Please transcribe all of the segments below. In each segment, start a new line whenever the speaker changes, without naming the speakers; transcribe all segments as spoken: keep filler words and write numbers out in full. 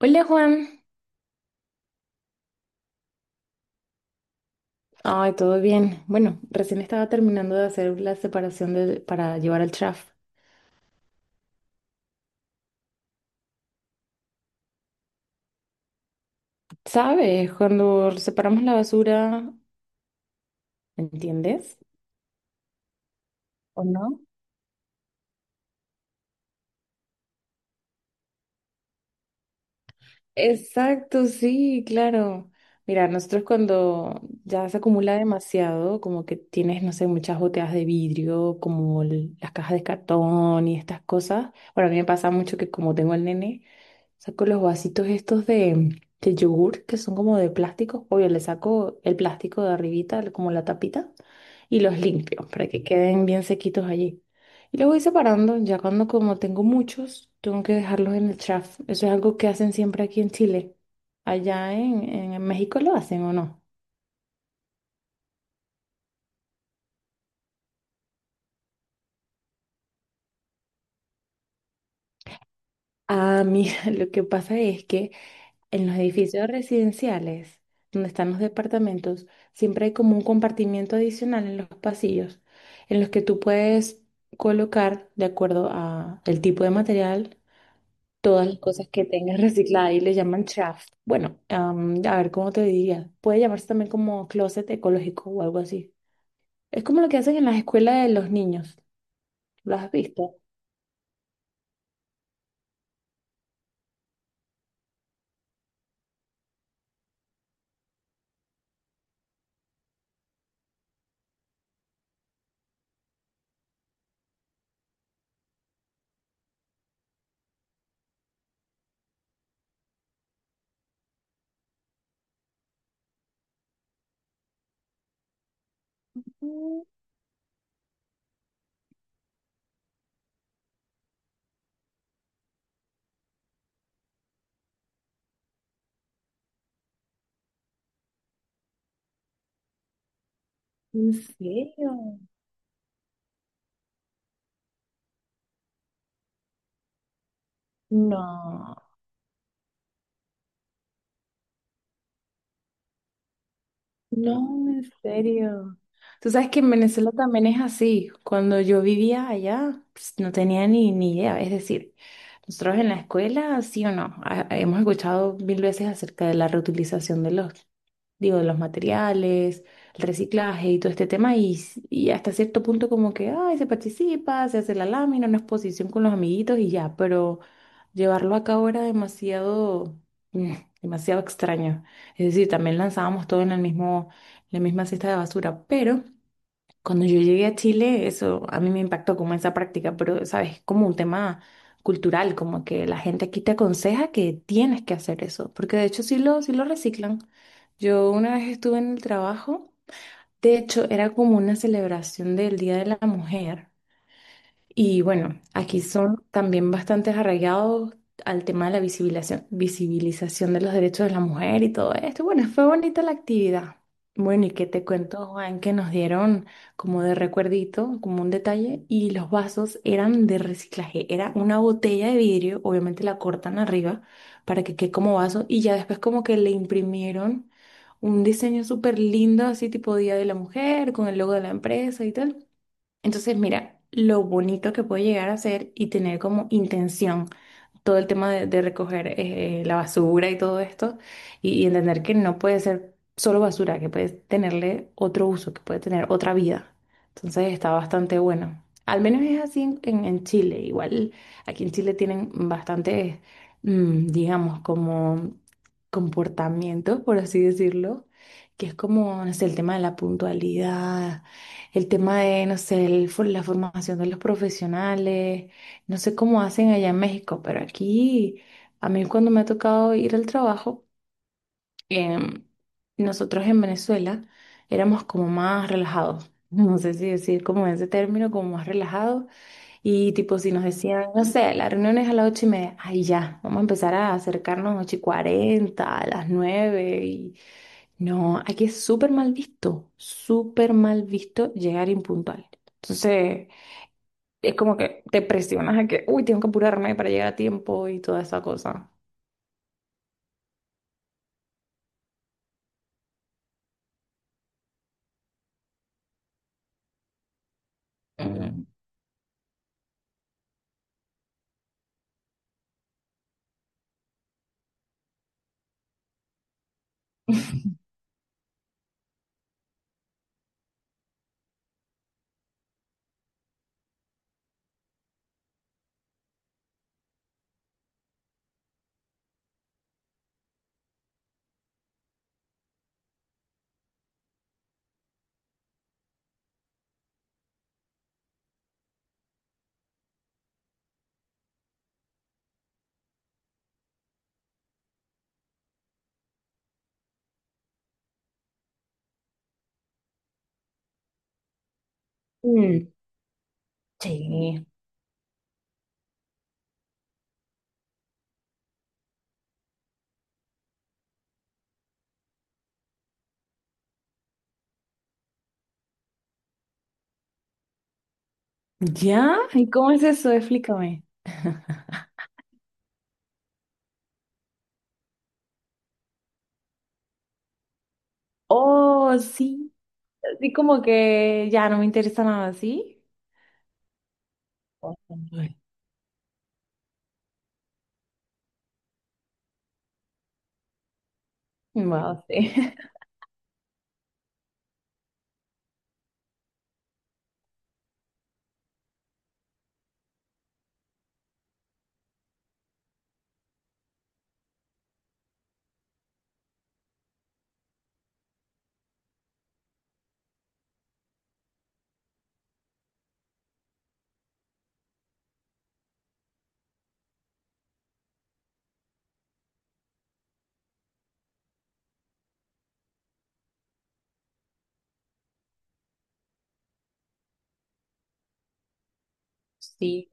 Hola, Juan, ay, todo bien. Bueno, recién estaba terminando de hacer la separación de- para llevar al trash. ¿Sabes? Cuando separamos la basura, ¿entiendes? ¿O no? Exacto, sí, claro. Mira, nosotros cuando ya se acumula demasiado, como que tienes, no sé, muchas botellas de vidrio, como el- las cajas de cartón y estas cosas. Bueno, a mí me pasa mucho que como tengo el nene, saco los vasitos estos de, de yogur, que son como de plástico. Obvio, le saco el plástico de arribita, como la tapita, y los limpio para que queden bien sequitos allí. Y los voy separando, ya cuando como tengo muchos, tengo que dejarlos en el chaf. Eso es algo que hacen siempre aquí en Chile. Allá en, en México lo hacen o no. Ah, mira, lo que pasa es que en los edificios residenciales, donde están los departamentos, siempre hay como un compartimiento adicional en los pasillos, en los que tú puedes colocar, de acuerdo a el tipo de material, todas las cosas que tengas recicladas y le llaman chaff. Bueno, am, a ver cómo te diría. Puede llamarse también como closet ecológico o algo así. Es como lo que hacen en las escuelas de los niños. ¿Lo has visto? ¿En serio? No, no, en serio. Tú sabes que en Venezuela también es así. Cuando yo vivía allá, pues, no tenía ni, ni idea. Es decir, nosotros en la escuela, sí o no, ha- hemos escuchado mil veces acerca de la reutilización de los digo, de los materiales, el reciclaje y todo este tema, y, s- y hasta cierto punto como que, ay, se participa, se hace la lámina, una exposición con los amiguitos y ya, pero llevarlo a cabo era demasiado, mm, demasiado extraño. Es decir, también lanzábamos todo en el mismo, la misma cesta de basura, pero cuando yo llegué a Chile, eso a mí me impactó como esa práctica, pero, ¿sabes? Como un tema cultural, como que la gente aquí te aconseja que tienes que hacer eso, porque de hecho sí lo, sí lo reciclan. Yo una vez estuve en el trabajo, de hecho era como una celebración del Día de la Mujer. Y bueno, aquí son también bastante arraigados al tema de la visibilización, visibilización de los derechos de la mujer y todo esto. Bueno, fue bonita la actividad. Bueno, y qué te cuento, Juan, que nos dieron como de recuerdito, como un detalle, y los vasos eran de reciclaje. Era una botella de vidrio, obviamente la cortan arriba para que quede como vaso, y ya después como que le imprimieron un diseño súper lindo, así tipo Día de la Mujer, con el logo de la empresa y tal. Entonces, mira, lo bonito que puede llegar a ser y tener como intención todo el tema de, de recoger eh, la basura y todo esto, y, y entender que no puede ser solo basura, que puede tenerle otro uso, que puede tener otra vida. Entonces está bastante bueno. Al menos es así en, en- en Chile. Igual aquí en Chile tienen bastantes, mm, digamos, como comportamientos, por así decirlo, que es como, no sé, el tema de la puntualidad, el tema de, no sé, el for- la formación de los profesionales. No sé cómo hacen allá en México, pero aquí, a mí cuando me ha tocado ir al trabajo, em, nosotros en Venezuela éramos como más relajados. No sé si decir como ese término, como más relajados. Y tipo, si nos decían, no sé, la reunión es a las ocho y media, ay ya, vamos a empezar a acercarnos a las ocho y cuarenta, a las nueve. Y... no, aquí es súper mal visto, súper mal visto llegar impuntual. Entonces es como que te presionas a que, uy, tengo que apurarme para llegar a tiempo y toda esa cosa. Mm. Mm, sí. ¿Ya? ¿Y cómo es eso? Explícame. Oh, sí. Así como que ya no me interesa nada, ¿sí? Bueno, wow, sí. Sí,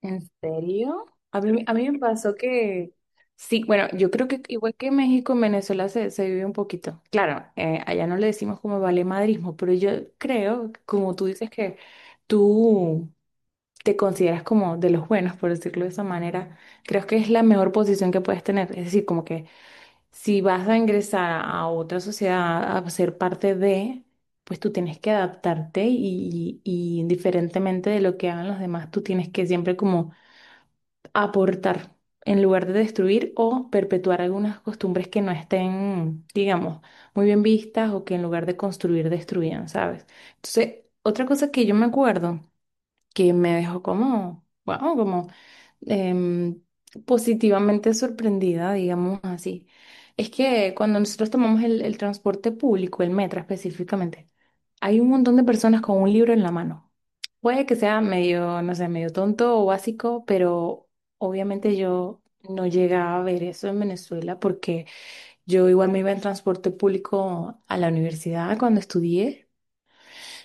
¿en serio? A mí, a mí me pasó que, sí, bueno, yo creo que igual que México, en Venezuela se, se vive un poquito. Claro, eh, allá no le decimos como vale madrismo, pero yo creo, como tú dices que tú te consideras como de los buenos, por decirlo de esa manera, creo que es la mejor posición que puedes tener. Es decir, como que si vas a ingresar a otra sociedad, a ser parte de, pues tú tienes que adaptarte y, y y indiferentemente de lo que hagan los demás, tú tienes que siempre como aportar en lugar de destruir o perpetuar algunas costumbres que no estén, digamos, muy bien vistas o que en lugar de construir destruían, ¿sabes? Entonces, otra cosa que yo me acuerdo que me dejó como, wow, como em, positivamente sorprendida, digamos así. Es que cuando nosotros tomamos el, el transporte público, el metro específicamente, hay un montón de personas con un libro en la mano. Puede que sea medio, no sé, medio tonto o básico, pero obviamente yo no llegaba a ver eso en Venezuela porque yo igual me iba en transporte público a la universidad cuando estudié.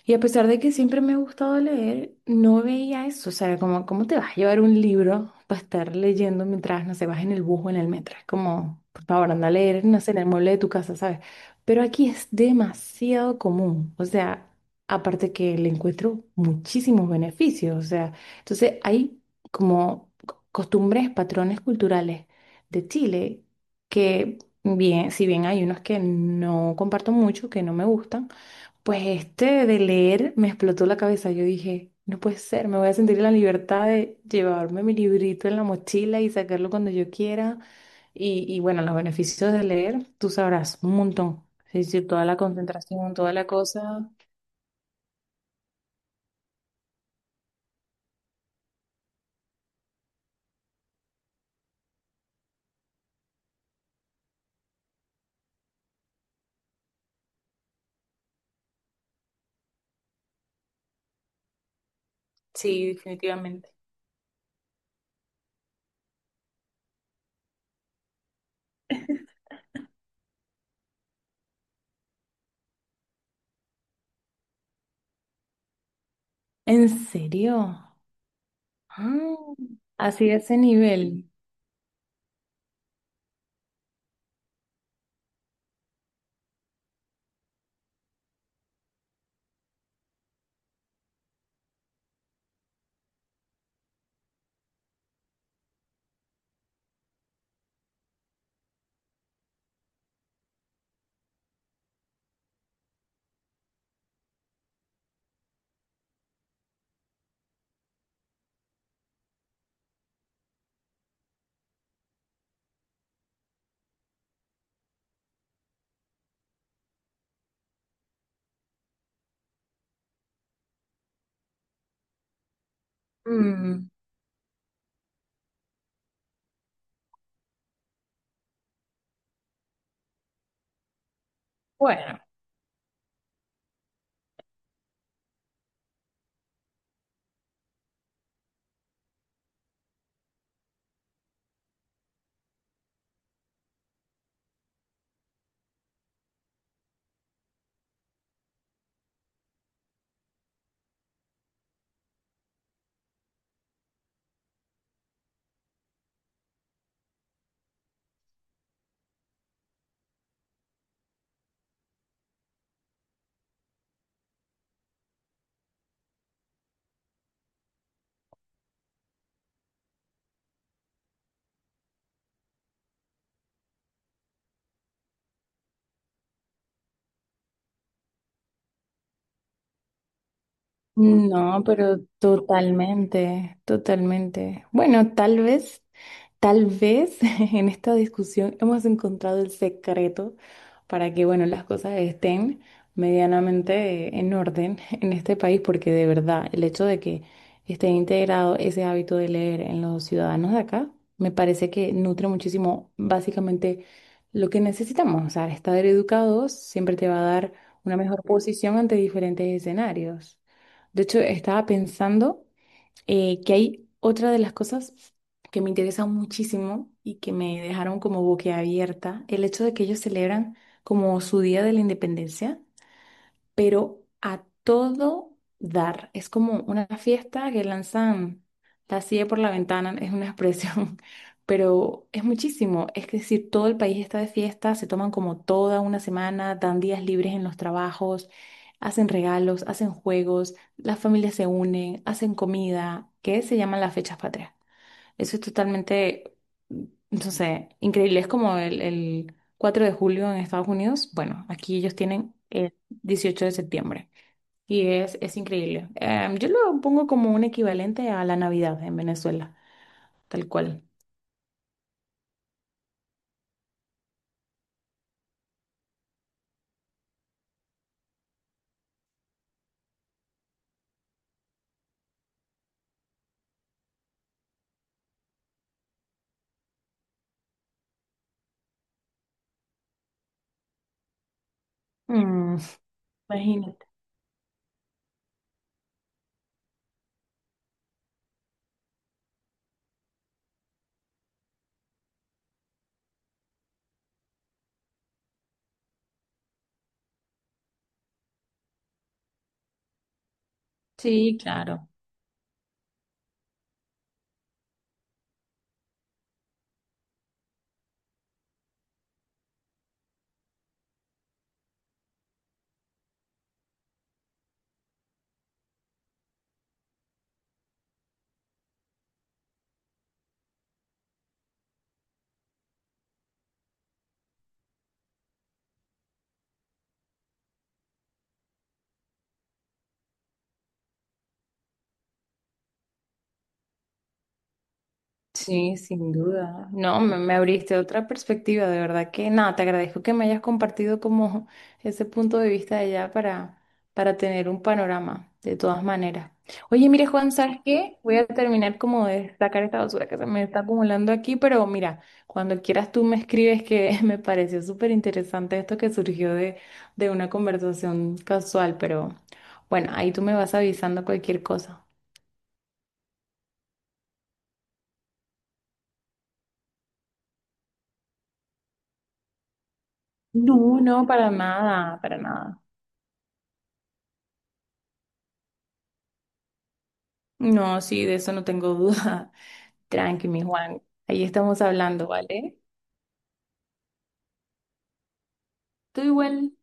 Y a pesar de que siempre me ha gustado leer, no veía eso. O sea, como, ¿cómo te vas a llevar un libro para estar leyendo mientras, no sé, vas en el bus o en el metro? Es como, por favor, anda a leer, no sé, en el mueble de tu casa, ¿sabes? Pero aquí es demasiado común. O sea, aparte que le encuentro muchísimos beneficios. O sea, entonces hay como co- costumbres, patrones culturales de Chile que, bien, si bien hay unos que no comparto mucho, que no me gustan, pues este de leer me explotó la cabeza. Yo dije, no puede ser, me voy a sentir en la libertad de llevarme mi librito en la mochila y sacarlo cuando yo quiera. Y, y bueno, los beneficios de leer, tú sabrás, un montón. Sí, sí, toda la concentración, toda la cosa. Sí, definitivamente. ¿En serio? Ah, así de ese nivel. Mm, bueno. No, pero totalmente, totalmente. Bueno, tal vez, tal vez en esta discusión hemos encontrado el secreto para que, bueno, las cosas estén medianamente en orden en este país, porque de verdad el hecho de que esté integrado ese hábito de leer en los ciudadanos de acá, me parece que nutre muchísimo básicamente lo que necesitamos. O sea, estar educados siempre te va a dar una mejor posición ante diferentes escenarios. De hecho, estaba pensando eh, que hay otra de las cosas que me interesan muchísimo y que me dejaron como boquiabierta, el hecho de que ellos celebran como su Día de la Independencia pero a todo dar. Es como una fiesta que lanzan la silla por la ventana, es una expresión, pero es muchísimo. Es decir, todo el país está de fiesta, se toman como toda una semana, dan días libres en los trabajos, hacen regalos, hacen juegos, las familias se unen, hacen comida, que se llaman las fechas patrias. Eso es totalmente, no sé, increíble. Es como el, el cuatro de julio en Estados Unidos. Bueno, aquí ellos tienen el dieciocho de septiembre y es, es increíble. Em, yo lo pongo como un equivalente a la Navidad en Venezuela, tal cual. Mm, imagínate. Sí, claro. Sí, sin duda. No, me, me abriste otra perspectiva, de verdad que nada, te agradezco que me hayas compartido como ese punto de vista de allá para, para tener un panorama, de todas maneras. Oye, mire, Juan, ¿sabes qué? Voy a terminar como de sacar esta basura que se me está acumulando aquí, pero mira, cuando quieras tú me escribes que me pareció súper interesante esto que surgió de, de una conversación casual, pero bueno, ahí tú me vas avisando cualquier cosa. No, no, para nada, para nada. No, sí, de eso no tengo duda. Tranqui, mi Juan. Ahí estamos hablando, ¿vale? Tú igual.